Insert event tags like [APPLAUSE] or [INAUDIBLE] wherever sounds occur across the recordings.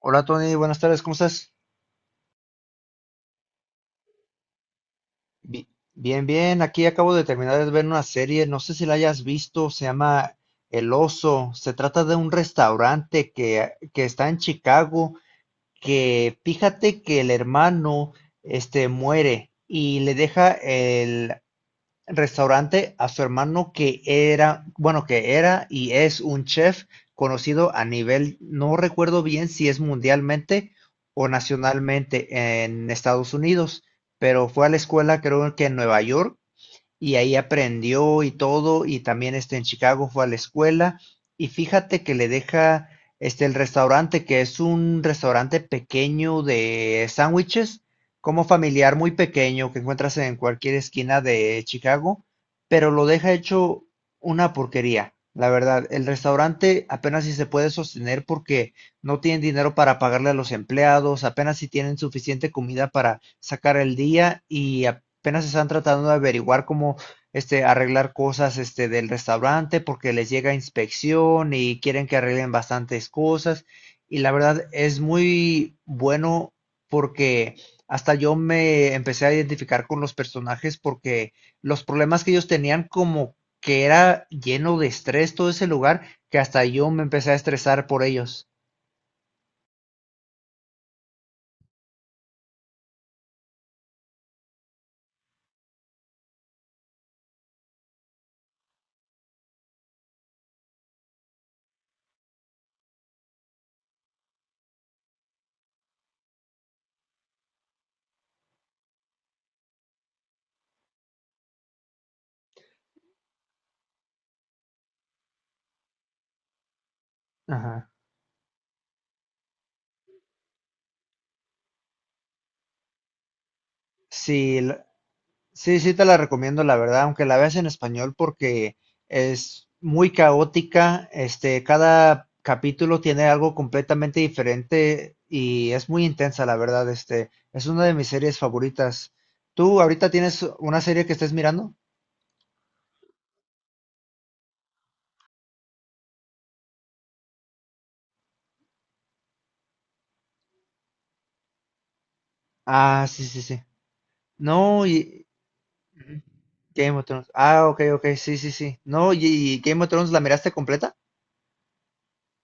Hola Tony, buenas tardes, ¿cómo estás? Bi- Bien, bien, aquí acabo de terminar de ver una serie, no sé si la hayas visto, se llama El Oso. Se trata de un restaurante que está en Chicago, que fíjate que el hermano este muere y le deja el restaurante a su hermano que era, bueno, que era y es un chef conocido a nivel, no recuerdo bien si es mundialmente o nacionalmente en Estados Unidos, pero fue a la escuela creo que en Nueva York y ahí aprendió y todo, y también este, en Chicago fue a la escuela, y fíjate que le deja este, el restaurante, que es un restaurante pequeño de sándwiches, como familiar muy pequeño que encuentras en cualquier esquina de Chicago, pero lo deja hecho una porquería. La verdad, el restaurante apenas si se puede sostener porque no tienen dinero para pagarle a los empleados, apenas si tienen suficiente comida para sacar el día y apenas están tratando de averiguar cómo este, arreglar cosas este, del restaurante, porque les llega inspección y quieren que arreglen bastantes cosas. Y la verdad es muy bueno porque hasta yo me empecé a identificar con los personajes, porque los problemas que ellos tenían, como que era lleno de estrés todo ese lugar, que hasta yo me empecé a estresar por ellos. Ajá. Sí, sí, sí te la recomiendo, la verdad, aunque la veas en español, porque es muy caótica. Este, cada capítulo tiene algo completamente diferente y es muy intensa, la verdad. Este, es una de mis series favoritas. ¿Tú ahorita tienes una serie que estés mirando? Ah, sí, sí, sí. No, y ujú, Game of Thrones. Ah, ok, ok, sí, sí, sí. No, y Game of Thrones, ¿la miraste completa?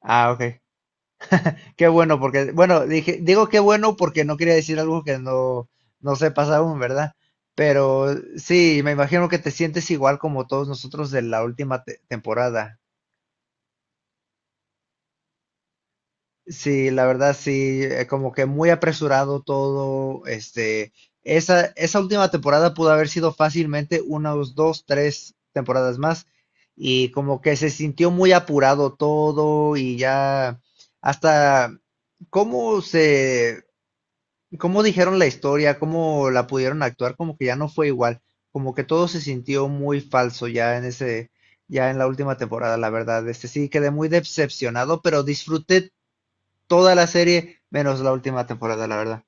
Ah, ok. Qué bueno, porque, bueno, dije, digo qué bueno porque no quería decir algo que no, no sepas aún, ¿verdad? Pero sí, me imagino que te sientes igual como todos nosotros de la última temporada. Sí, la verdad, sí, como que muy apresurado todo, este, esa última temporada pudo haber sido fácilmente unas dos, tres temporadas más, y como que se sintió muy apurado todo, y ya hasta cómo se cómo dijeron la historia, cómo la pudieron actuar, como que ya no fue igual, como que todo se sintió muy falso ya en ese, ya en la última temporada, la verdad. Este sí quedé muy decepcionado, pero disfruté toda la serie menos la última temporada, la verdad.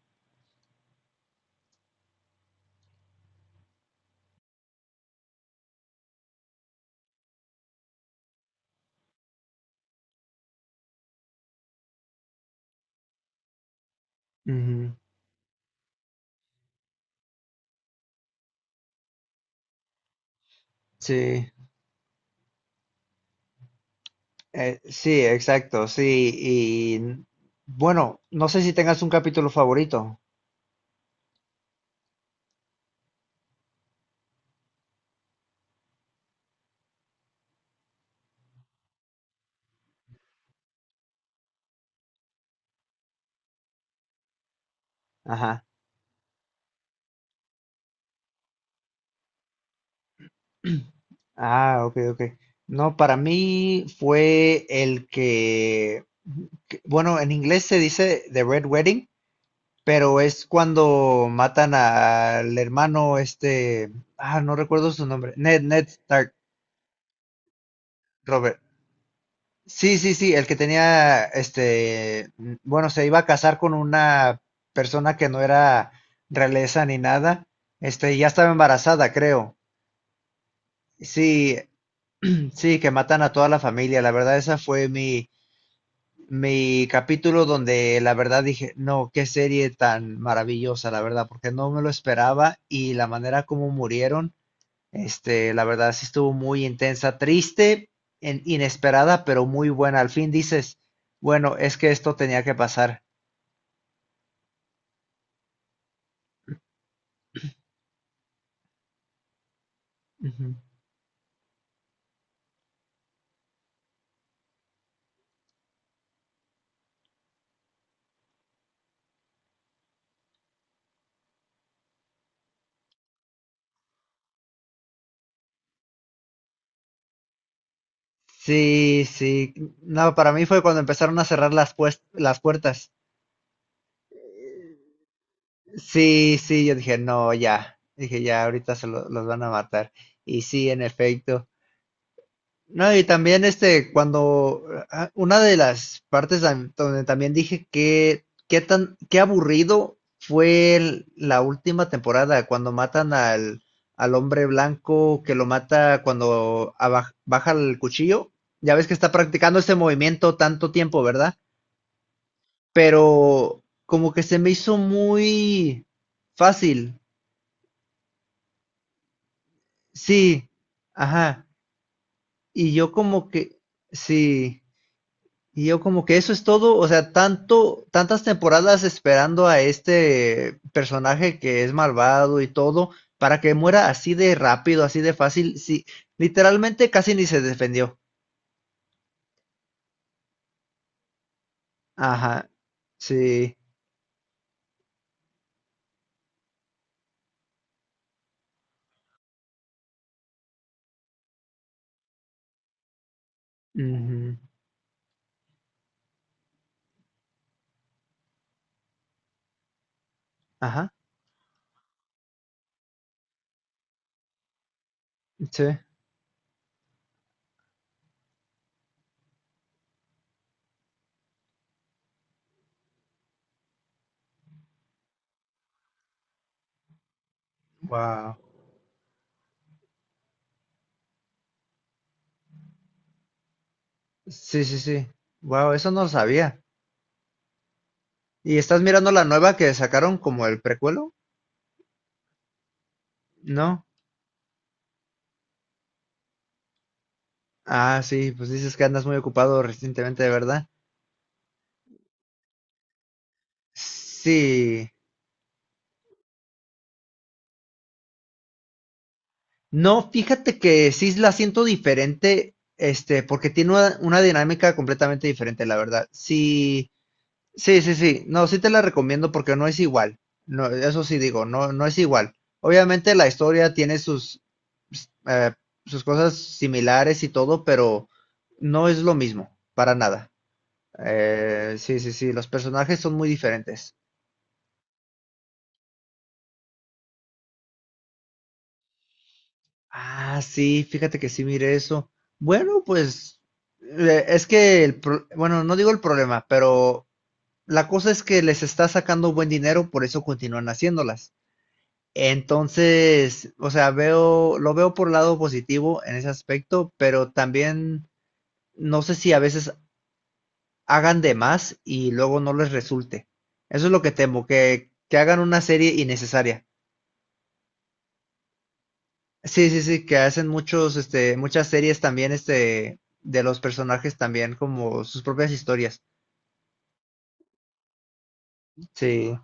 Ujú. Sí, sí, exacto, sí. Y bueno, no sé si tengas un capítulo favorito. Ajá. Ah, ok, ok. No, para mí fue el que, bueno, en inglés se dice The Red Wedding, pero es cuando matan al hermano este, ah, no recuerdo su nombre, Ned, Ned Stark, Robert. Sí, sí, sí, el que tenía este, mm, bueno, se iba a casar con una persona que no era realeza ni nada, este, y ya estaba embarazada, creo. Sí, sí, que matan a toda la familia. La verdad, esa fue mi mi capítulo donde la verdad dije, no, qué serie tan maravillosa, la verdad, porque no me lo esperaba, y la manera como murieron, este, la verdad sí estuvo muy intensa, triste, inesperada, pero muy buena. Al fin dices, bueno, es que esto tenía que pasar. Ujú. Sí, sí. No, para mí fue cuando empezaron a cerrar las, las puertas. Sí, sí, yo dije, no, ya. Dije, ya, ahorita los van a matar. Y sí, en efecto. No, y también este, cuando ah, una de las partes donde también dije que qué tan qué aburrido fue la última temporada, cuando matan al al hombre blanco, que lo mata cuando baja el cuchillo. Ya ves que está practicando este movimiento tanto tiempo, ¿verdad? Pero como que se me hizo muy fácil. Sí. Ajá. Y yo como que sí. Y yo como que eso es todo, o sea, tanto, tantas temporadas esperando a este personaje que es malvado y todo, para que muera así de rápido, así de fácil, sí, literalmente casi ni se defendió. Ajá, sí, ujú, ajá, sí, wow. Sí, sí, sí, wow, eso no lo sabía. ¿Y estás mirando la nueva que sacaron como el precuelo? No. Ah, sí, pues dices que andas muy ocupado recientemente, de verdad. Sí. No, fíjate que sí la siento diferente, este, porque tiene una dinámica completamente diferente, la verdad. Sí, sí, sí, sí. No, sí te la recomiendo porque no es igual. No, eso sí digo, no, no es igual. Obviamente la historia tiene sus, eh, sus cosas similares y todo, pero no es lo mismo, para nada. Sí, sí, sí, los personajes son muy diferentes. Ah, sí, fíjate que sí mire eso. Bueno, pues es que, bueno, no digo el problema, pero la cosa es que les está sacando buen dinero, por eso continúan haciéndolas. Entonces, o sea, veo, lo veo por lado positivo en ese aspecto, pero también no sé si a veces hagan de más y luego no les resulte. Eso es lo que temo, que hagan una serie innecesaria. Sí, sí, sí, que hacen muchos, este, muchas series también, este, de los personajes también, como sus propias historias. Sí,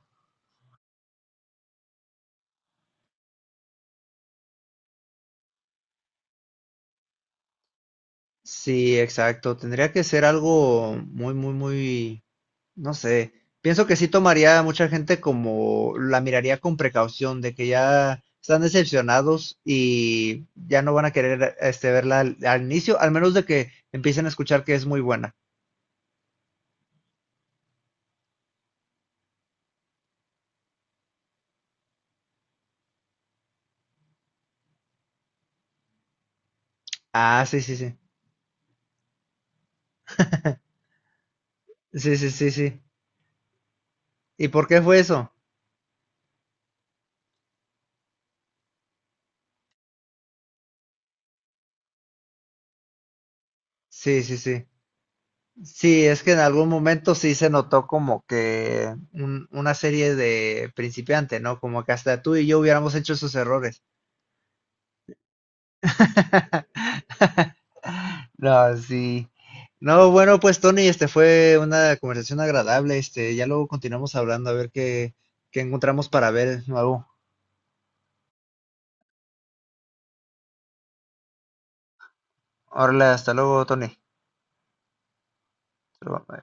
sí, exacto. Tendría que ser algo muy, muy, muy, no sé. Pienso que sí tomaría a mucha gente, como la miraría con precaución, de que ya están decepcionados y ya no van a querer este, verla al, al inicio, al menos de que empiecen a escuchar que es muy buena. Ah, sí, sí, sí. Sí, sí, sí, sí. ¿Y por qué fue eso? Sí, sí, sí. Sí, es que en algún momento sí se notó como que una serie de principiante, ¿no? Como que hasta tú y yo hubiéramos hecho esos errores. [LAUGHS] No, sí. No, bueno, pues Tony, este fue una conversación agradable. Este, ya luego continuamos hablando a ver qué, qué encontramos para ver nuevo. Ahora hasta luego, Tony. Hasta luego.